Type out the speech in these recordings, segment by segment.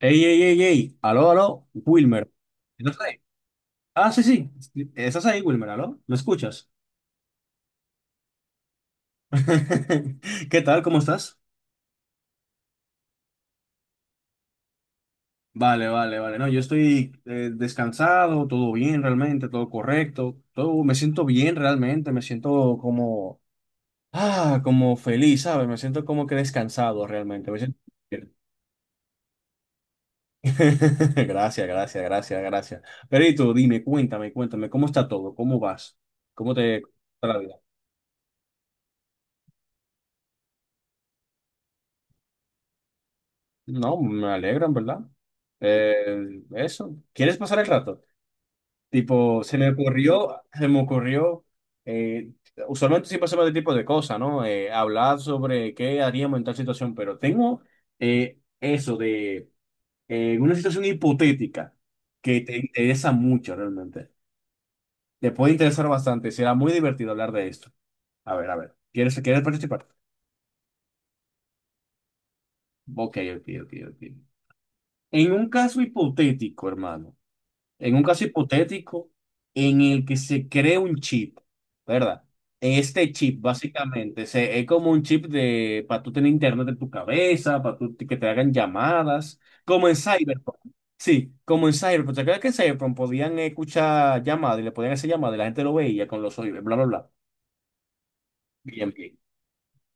Ey, ey, ey, ey, aló, aló, Wilmer. ¿Estás ahí? Ah, sí, sí, estás ahí, Wilmer, aló, ¿me escuchas? ¿Qué tal? ¿Cómo estás? Vale, vale, vale, no, yo estoy descansado, todo bien realmente, todo correcto, todo, me siento bien realmente, me siento como, ah, como feliz, ¿sabes? Me siento como que descansado realmente, me siento bien. Gracias, gracias, gracias, gracias. Perito, dime, cuéntame, cuéntame, ¿cómo está todo? ¿Cómo vas? ¿Cómo te... No, me alegran, ¿verdad? Eso. ¿Quieres pasar el rato? Tipo, eh, usualmente siempre hacemos este tipo de cosas, ¿no? Hablar sobre qué haríamos en tal situación, pero tengo eso de una situación hipotética que te interesa mucho realmente. Te puede interesar bastante, será muy divertido hablar de esto. A ver, ¿quieres participar? Ok, ok, ok, ok. En un caso hipotético, hermano. En un caso hipotético en el que se cree un chip, ¿verdad? Este chip básicamente es como un chip de para tú tener internet en tu cabeza, para tú, que te hagan llamadas, como en Cyberpunk. Sí, como en Cyberpunk. ¿Te acuerdas que en Cyberpunk podían escuchar llamadas y le podían hacer llamadas y la gente lo veía con los oídos, bla, bla, bla? Bien, bien,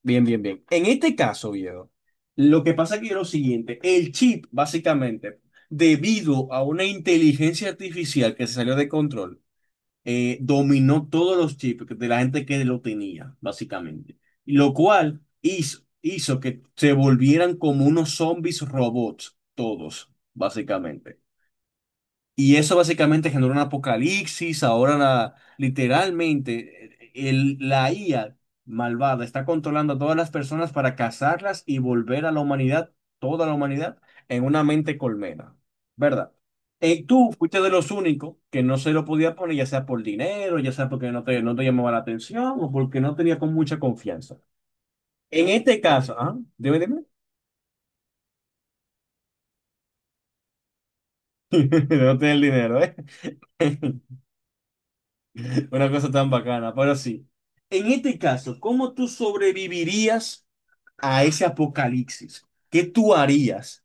bien, bien, bien. En este caso, viejo, lo que pasa aquí es lo siguiente, el chip básicamente, debido a una inteligencia artificial que se salió de control, dominó todos los chips de la gente que lo tenía, básicamente. Y lo cual hizo que se volvieran como unos zombies robots, todos, básicamente. Y eso básicamente generó un apocalipsis. Ahora literalmente la IA malvada está controlando a todas las personas para cazarlas y volver a la humanidad, toda la humanidad, en una mente colmena, ¿verdad? Tú fuiste de los únicos que no se lo podía poner, ya sea por dinero, ya sea porque no te llamaba la atención o porque no tenía con mucha confianza. En este caso, ¿ah? Dime, dime. No tenía el dinero, ¿eh? Una cosa tan bacana, pero sí. En este caso, ¿cómo tú sobrevivirías a ese apocalipsis? ¿Qué tú harías?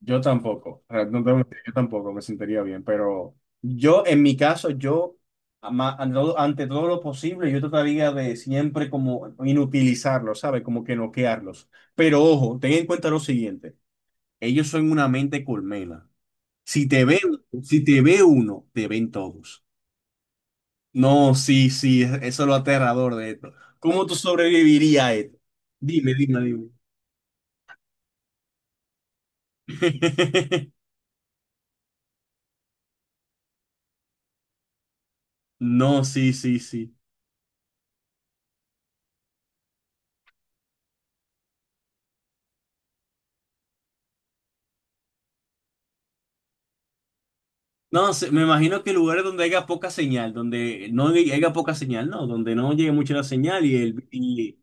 Yo tampoco, o sea, no te voy a mentir, yo tampoco me sentiría bien, pero yo, en mi caso, yo, ante todo lo posible, yo trataría de siempre como inutilizarlos, ¿sabes? Como que noquearlos. Pero ojo, ten en cuenta lo siguiente, ellos son una mente colmena. Si te ven, si te ve uno, te ven todos. No, sí, sí, eso es lo aterrador de esto. ¿Cómo tú sobrevivirías a esto? Dime, dime, dime. No, sí, sí, sí. No, sé, me imagino que lugares donde haya poca señal, donde no hay- haya poca señal, no, donde no llegue mucho la señal y el... Y,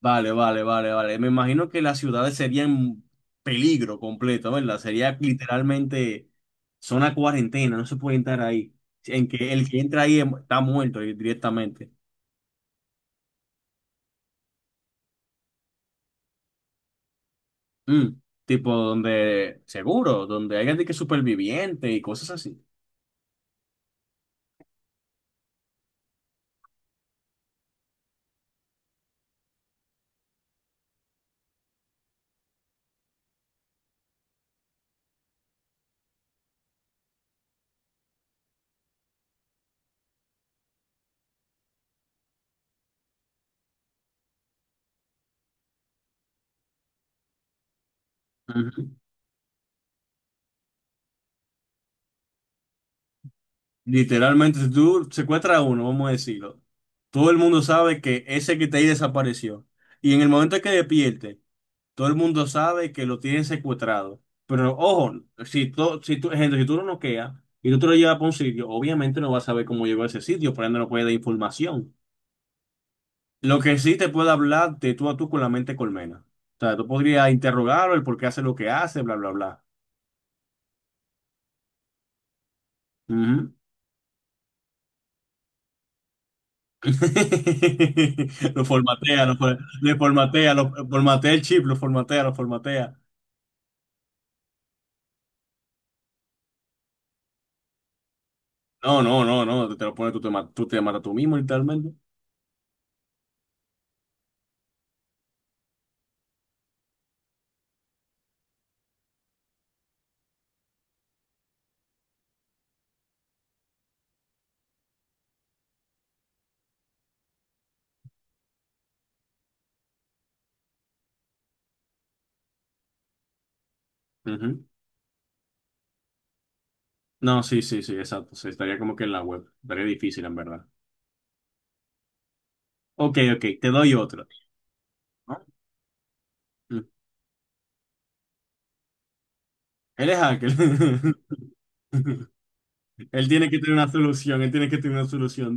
vale, vale, vale, vale. Me imagino que las ciudades serían peligro completo, ¿verdad? Sería literalmente zona cuarentena, no se puede entrar ahí. En que el que entra ahí está muerto directamente. Mm, tipo donde, seguro, donde hay gente que superviviente y cosas así. Ujú. Literalmente, si tú secuestras a uno, vamos a decirlo, todo el mundo sabe que ese que está ahí desapareció. Y en el momento que despierte, todo el mundo sabe que lo tienen secuestrado. Pero ojo, si tú, gente, si tú lo noqueas y tú te lo llevas para un sitio, obviamente no vas a saber cómo llegó a ese sitio, por ende no puede dar información. Lo que sí te puede hablar de tú a tú con la mente colmena. O sea, tú podrías interrogarlo, el por qué hace lo que hace, bla, bla, bla. Ujú. Lo formatea, le formatea, lo formatea el chip, lo formatea, lo formatea. No, no, no, no, te lo pones, tú te matas tú mismo, literalmente. Ujú. No, sí, sí, sí, exacto. Sí, estaría como que en la web. Estaría difícil, en verdad. Ok, ok, te doy otro. ¿No? Mm. Él es hacker. Él tiene que tener una solución, él tiene que tener una solución.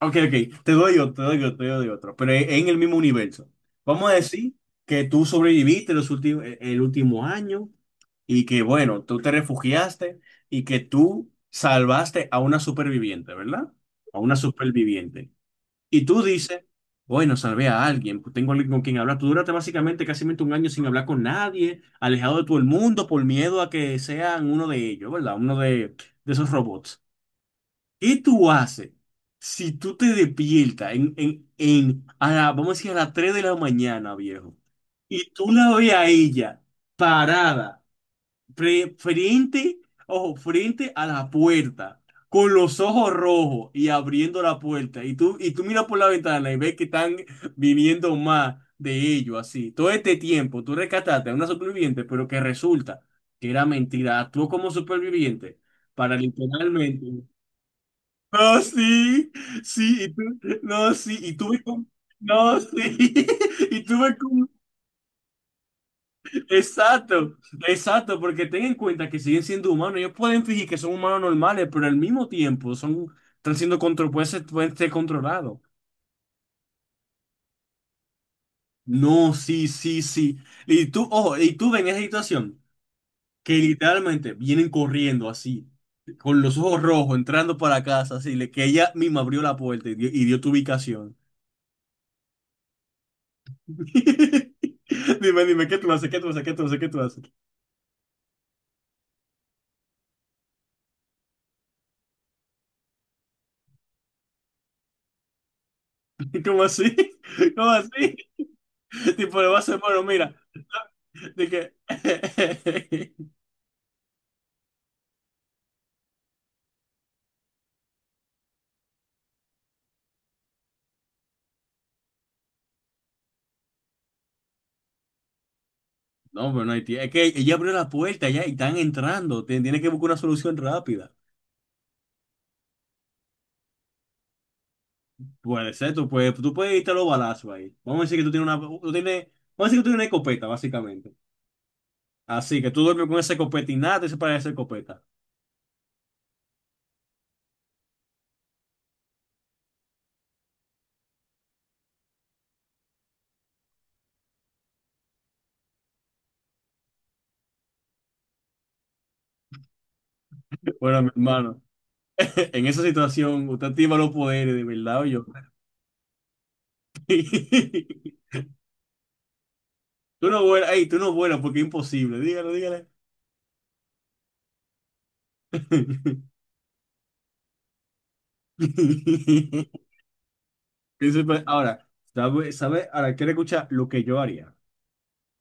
Ok, ok, te doy otro, te doy otro, te doy otro, pero en el mismo universo. Vamos a decir que tú sobreviviste el último año y que, bueno, tú te refugiaste y que tú salvaste a una superviviente, ¿verdad? A una superviviente. Y tú dices, bueno, salvé a alguien, pues tengo alguien con quien hablar. Tú duraste básicamente casi un año sin hablar con nadie, alejado de todo el mundo por miedo a que sean uno de ellos, ¿verdad? De esos robots. ¿Qué tú haces si tú te despiertas vamos a decir, a las 3 de la mañana, viejo? Y tú la ves a ella parada, frente, ojo, frente a la puerta, con los ojos rojos y abriendo la puerta. Y tú miras por la ventana y ves que están viniendo más de ellos, así. Todo este tiempo tú rescataste a una superviviente, pero que resulta que era mentira. Actuó como superviviente para literalmente no, sí, sí, y tú, no, sí, y tuve con, no, sí, y tuve con, exacto, exacto, porque ten en cuenta que siguen siendo humanos, ellos pueden fingir que son humanos normales, pero al mismo tiempo son, están siendo control, pueden ser controlados. No, sí, sí, sí, y tú, ojo, y tú ves en esa situación que literalmente vienen corriendo así, con los ojos rojos, entrando para casa, así, que ella misma abrió la puerta y dio tu ubicación. Dime, dime, ¿qué tú haces? ¿Qué tú haces? ¿Qué tú haces? ¿Qué tú haces? ¿Cómo así? ¿Cómo así? Tipo, le va a hacer, bueno, mira, de que... No, pero no hay tie- es que ella abrió la puerta ya y están entrando. Tienes que buscar una solución rápida. Puede ser, tú puedes irte a los balazos ahí. Vamos a decir que tú tienes una... Tú tienes, vamos a decir que tú tienes una escopeta, básicamente. Así que tú duermes con esa escopeta y nada te separa de esa escopeta. Bueno, mi hermano, en esa situación, usted activa los poderes, de verdad, o yo. Tú no vuelas, ey, tú no vuelas porque es imposible. Dígalo, dígale. Pienso, pues, ahora, ¿sabe, sabe? Ahora, quiero escuchar lo que yo haría.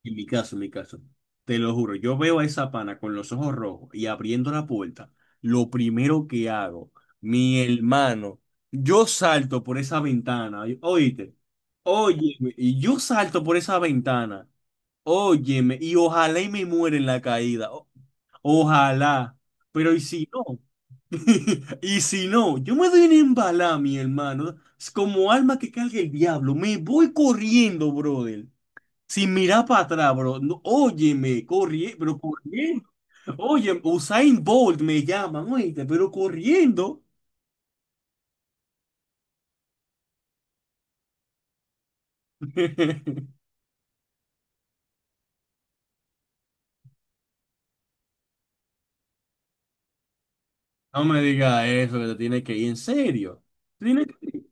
En mi caso, en mi caso. Te lo juro, yo veo a esa pana con los ojos rojos y abriendo la puerta. Lo primero que hago, mi hermano, yo salto por esa ventana. Oíste, óyeme, y yo salto por esa ventana. Óyeme, y ojalá y me muera en la caída. Ojalá. Pero ¿y si no? Y si no, yo me doy una embalada, mi hermano. Es como alma que carga el diablo. Me voy corriendo, brother. Sin mirar para atrás, bro. No, óyeme, corriendo, pero corriendo. Oye, Usain Bolt me llaman, oíste, pero corriendo. No me digas eso, que te tienes que ir en serio. Tienes que...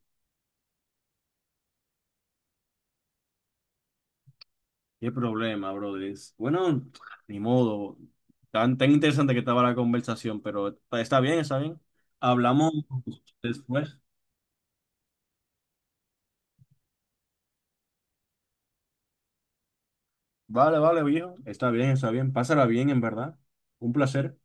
Qué problema, brother. Bueno, ni modo. Tan, tan interesante que estaba la conversación, pero está bien, está bien. Hablamos después. Vale, vale, viejo. Está bien, está bien. Pásala bien, en verdad. Un placer.